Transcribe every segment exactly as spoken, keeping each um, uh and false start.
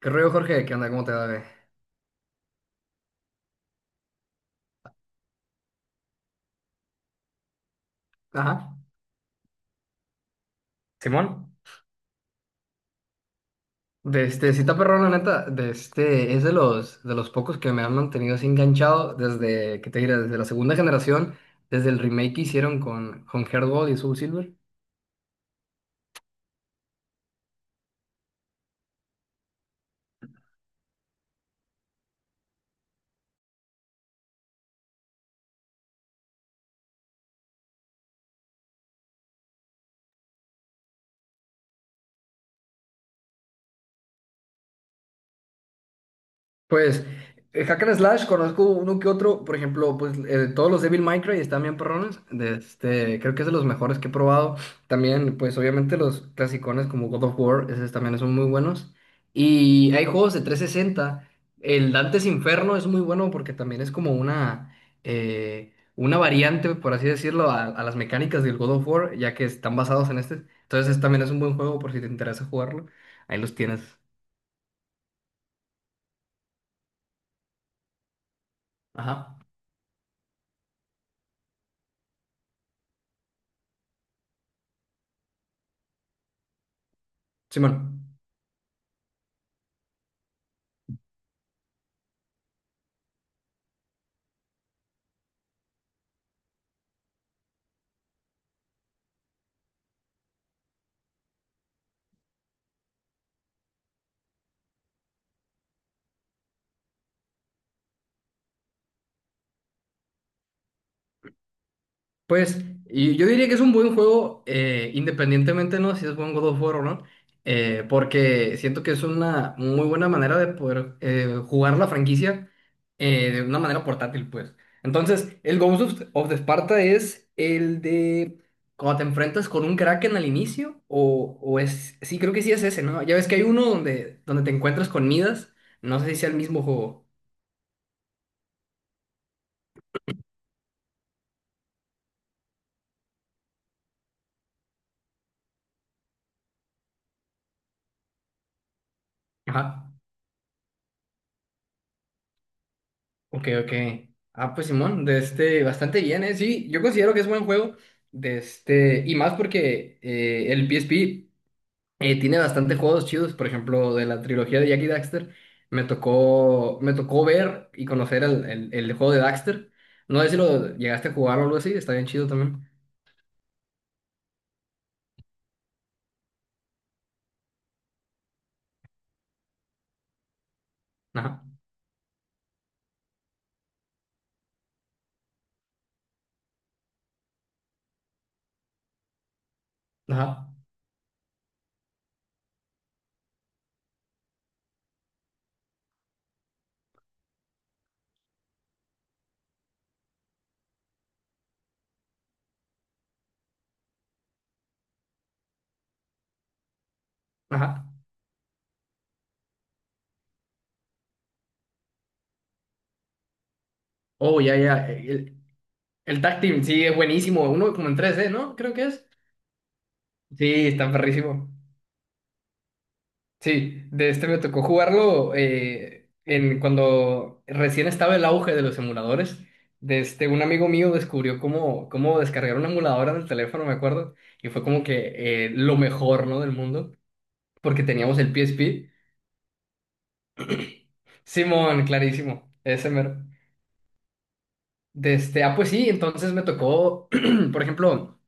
¿Qué rollo, Jorge? ¿Qué onda? ¿Cómo te va, güey? Ajá. Simón, de este, sí está perrón, la neta, de este, es de los, de los pocos que me han mantenido así enganchado desde, ¿qué te diré? Desde la segunda generación, desde el remake que hicieron con, con Heart Gold y Soul Silver. Pues, eh, Hack and Slash, conozco uno que otro. Por ejemplo, pues eh, todos los Devil May Cry están bien perrones, de este, creo que es de los mejores que he probado. También, pues obviamente los clasicones como God of War, esos también son muy buenos, y hay juegos de trescientos sesenta. El Dante's Inferno es muy bueno porque también es como una, eh, una variante, por así decirlo, a, a las mecánicas del God of War, ya que están basados en este. Entonces también es un buen juego por si te interesa jugarlo, ahí los tienes. Ajá. Simón. Pues y yo diría que es un buen juego, eh, independientemente, ¿no? Si es buen God of War o no, eh, porque siento que es una muy buena manera de poder eh, jugar la franquicia eh, de una manera portátil, pues. Entonces, el Ghost of, of the Sparta es el de cuando te enfrentas con un Kraken al inicio, o, o es, sí, creo que sí es ese, ¿no? Ya ves que hay uno donde, donde te encuentras con Midas, no sé si sea el mismo juego. Ajá. Ok, ok. Ah, pues Simón, de este, bastante bien, ¿eh? Sí, yo considero que es buen juego. De este, y más porque eh, el P S P eh, tiene bastante juegos chidos. Por ejemplo, de la trilogía de Jack y Daxter, me tocó, me tocó ver y conocer el, el- el juego de Daxter. No sé si lo llegaste a jugar o algo así, está bien chido también. Ajá, ajá, ajá. Oh, ya, ya. El, el Tag Team, sí, es buenísimo. Uno como en tres d, ¿no? Creo que es. Sí, está perrísimo. Sí, de este me tocó jugarlo eh, en cuando recién estaba el auge de los emuladores. De este, un amigo mío descubrió cómo, cómo descargar una emuladora del teléfono, me acuerdo, y fue como que eh, lo mejor, ¿no?, del mundo, porque teníamos el P S P. Simón, clarísimo, ese mero. De este, ah, pues sí, entonces me tocó, por ejemplo.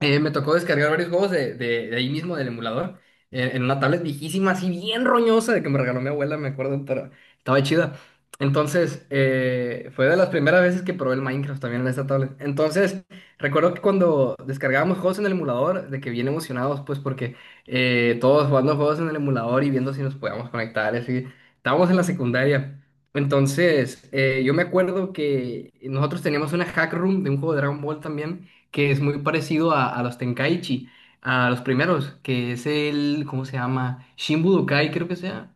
Eh, me tocó descargar varios juegos de, de- de ahí mismo, del emulador, eh, en una tablet viejísima, así bien roñosa, de que me regaló mi abuela, me acuerdo, pero estaba chida. Entonces, eh, fue de las primeras veces que probé el Minecraft también en esta tablet. Entonces, recuerdo que cuando descargábamos juegos en el emulador, de que bien emocionados, pues porque eh, todos jugando juegos en el emulador y viendo si nos podíamos conectar, así. Estábamos en la secundaria. Entonces, eh, yo me acuerdo que nosotros teníamos una hack room de un juego de Dragon Ball también, que es muy parecido a, a los Tenkaichi, a los primeros, que es el, ¿cómo se llama? Shin Budokai, creo que sea.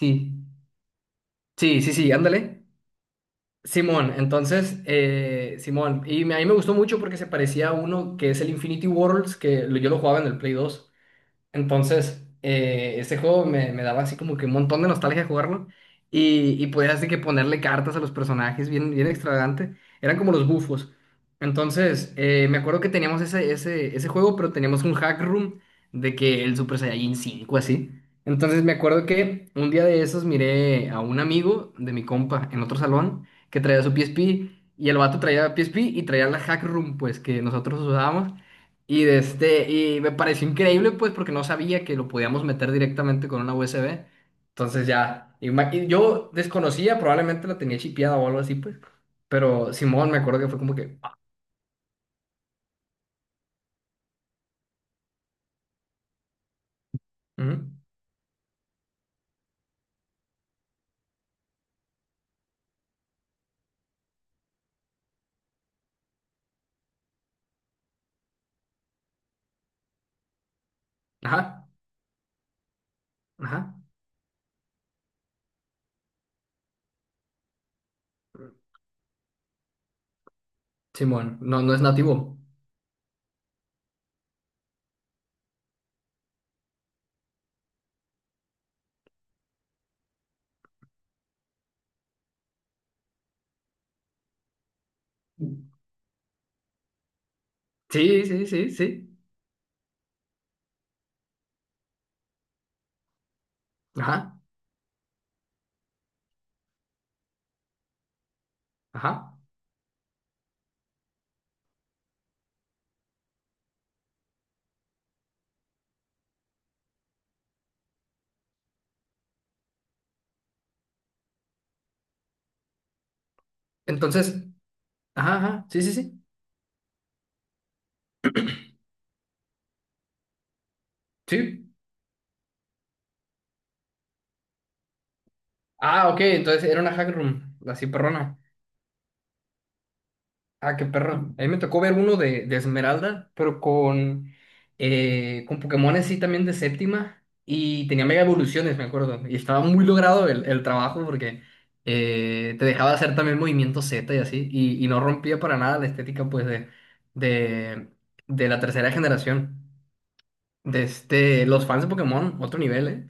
Sí, sí, sí, sí, ándale. Simón, entonces, eh, Simón, y me- a mí me gustó mucho porque se parecía a uno que es el Infinity Worlds, que lo- yo lo jugaba en el Play dos. Entonces, eh, ese juego me, me daba así como que un montón de nostalgia jugarlo. Y, y podías así que ponerle cartas a los personajes, bien, bien extravagante. Eran como los bufos. Entonces, eh, me acuerdo que teníamos ese, ese, ese juego, pero teníamos un hack room de que el Super Saiyajin cinco así. Entonces, me acuerdo que un día de esos miré a un amigo de mi compa en otro salón que traía su P S P. Y el vato traía P S P y traía la hack room, pues, que nosotros usábamos. Y de este, y me pareció increíble, pues, porque no sabía que lo podíamos meter directamente con una U S B. Entonces ya, y ma- y yo desconocía, probablemente la tenía chipeada o algo así, pues. Pero Simón, me acuerdo que fue como que, ah, ujú, ajá, ajá, Simón, no, no es nativo. Sí, sí, sí, sí, ajá, ajá. Entonces, ajá, ajá, sí, sí, sí, sí. Ah, ok, entonces era una hack room, así perrona. Ah, qué perro. A mí me tocó ver uno de, de Esmeralda, pero con, eh, con Pokémon así también de séptima. Y tenía mega evoluciones, me acuerdo. Y estaba muy logrado el, el trabajo porque eh, te dejaba hacer también movimiento Z y así. Y, y no rompía para nada la estética pues de, de, de la tercera generación. De este, los fans de Pokémon, otro nivel, ¿eh?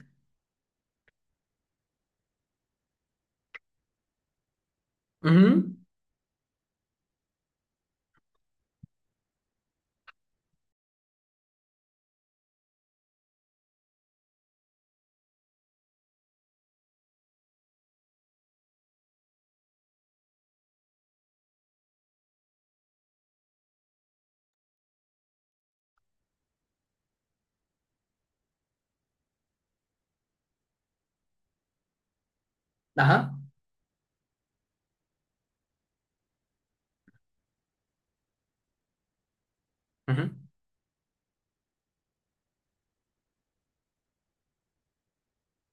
Ujú. Ajá. Ujú.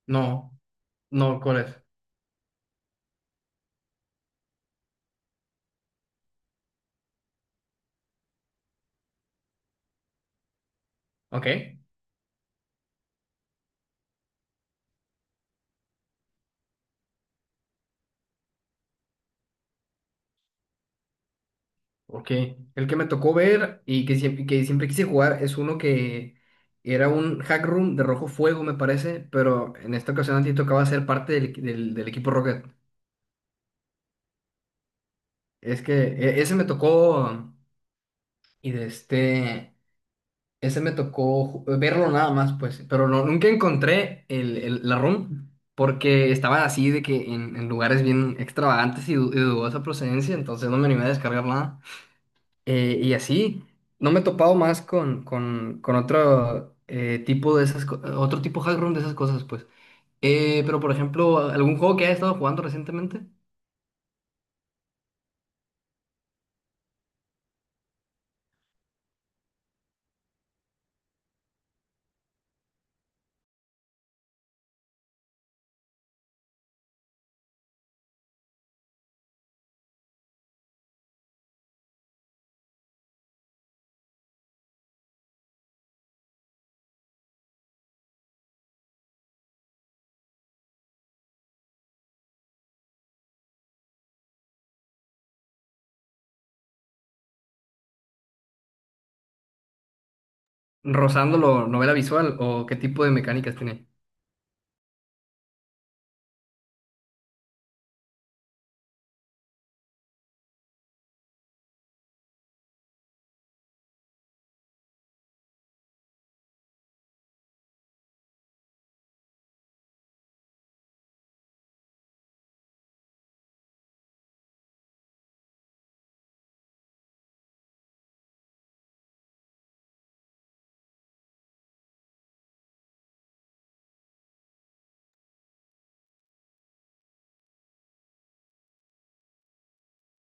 No, no, ¿cuál es? Ok. Ok, el que me tocó ver y que siempre, que siempre quise jugar es uno que era un hack room de rojo fuego, me parece, pero en esta ocasión a ti tocaba ser parte del, del- del equipo Rocket. Es que e- ese me tocó y de este, ese me tocó ju- verlo nada más, pues, pero no, nunca encontré el, el- la room porque estaba así de que en, en lugares bien extravagantes y, du- y dudosa procedencia, entonces no me animé a descargar nada. Eh, y así, no me he topado más con, con, con otro eh, tipo de esas, co- otro tipo hack room de esas cosas, pues. Eh, pero, por ejemplo, ¿algún juego que hayas estado jugando recientemente? ¿Rozándolo, novela visual o qué tipo de mecánicas tiene?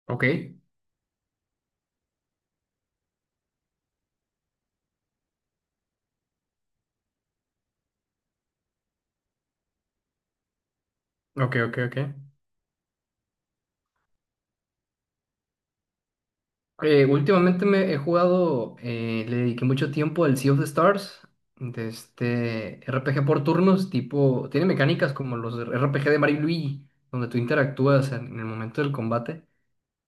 Ok, ok, ok, ok. Eh, últimamente me he jugado, eh, le dediqué mucho tiempo al Sea of the Stars, de este R P G por turnos, tipo, tiene mecánicas como los R P G de Mario y Luigi, donde tú interactúas en en el momento del combate.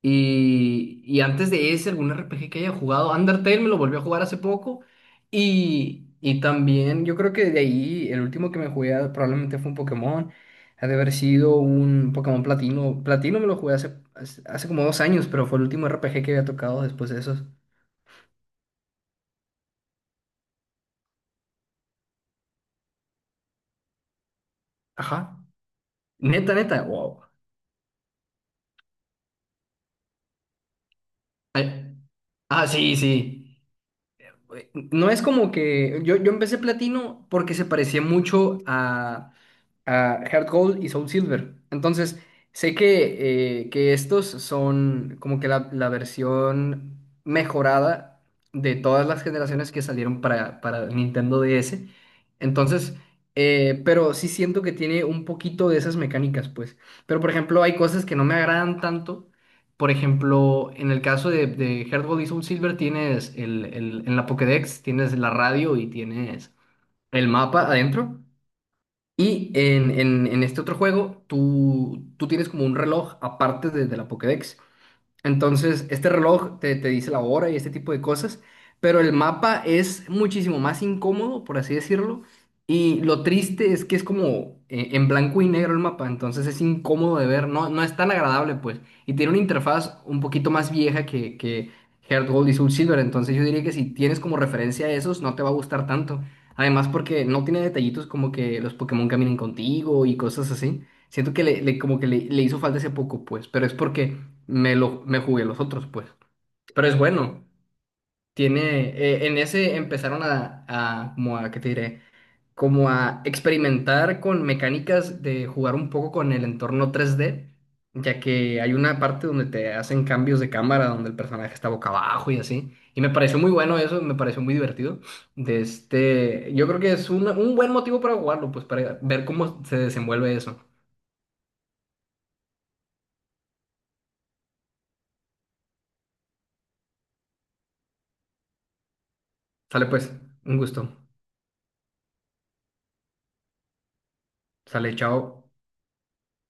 Y, y antes de ese, algún R P G que haya jugado, Undertale me lo volvió a jugar hace poco. Y, y también yo creo que de ahí el último que me jugué ah, probablemente fue un Pokémon. Ha de haber sido un Pokémon Platino. Platino me lo jugué hace, hace, hace como dos años, pero fue el último R P G que había tocado después de esos. Ajá. Neta, neta. Wow. Ay, ah, sí, sí. eh, No es como que yo, yo empecé platino porque se parecía mucho a, a Heart Gold y Soul Silver. Entonces, sé que, eh, que estos son como que la, la versión mejorada de todas las generaciones que salieron para, para Nintendo D S. Entonces, eh, pero sí siento que tiene un poquito de esas mecánicas, pues. Pero, por ejemplo, hay cosas que no me agradan tanto, por ejemplo, en el caso de, de Heart Gold y Soul Silver, tienes el, el- en la Pokédex, tienes la radio y tienes el mapa adentro. Y en, en- en este otro juego, tú, tú tienes como un reloj aparte de, de la Pokédex. Entonces, este reloj te, te dice la hora y este tipo de cosas, pero el mapa es muchísimo más incómodo, por así decirlo, y lo triste es que es como eh, en blanco y negro el mapa, entonces es incómodo de ver, no, no es tan agradable, pues, y tiene una interfaz un poquito más vieja que, que Heart Gold y Soul Silver, entonces yo diría que si tienes como referencia a esos, no te va a gustar tanto, además porque no tiene detallitos como que los Pokémon caminen contigo y cosas así. Siento que le, le- como que le, le hizo falta ese poco, pues, pero es porque me lo me jugué los otros, pues. Pero es bueno. Tiene, eh, en ese empezaron a, a, como a, ¿qué te diré? Como a experimentar con mecánicas de jugar un poco con el entorno tres D, ya que hay una parte donde te hacen cambios de cámara, donde el personaje está boca abajo y así. Y me pareció muy bueno eso, me pareció muy divertido. De este, yo creo que es un, un buen motivo para jugarlo, pues para ver cómo se desenvuelve eso. Sale pues, un gusto. Sale, chao.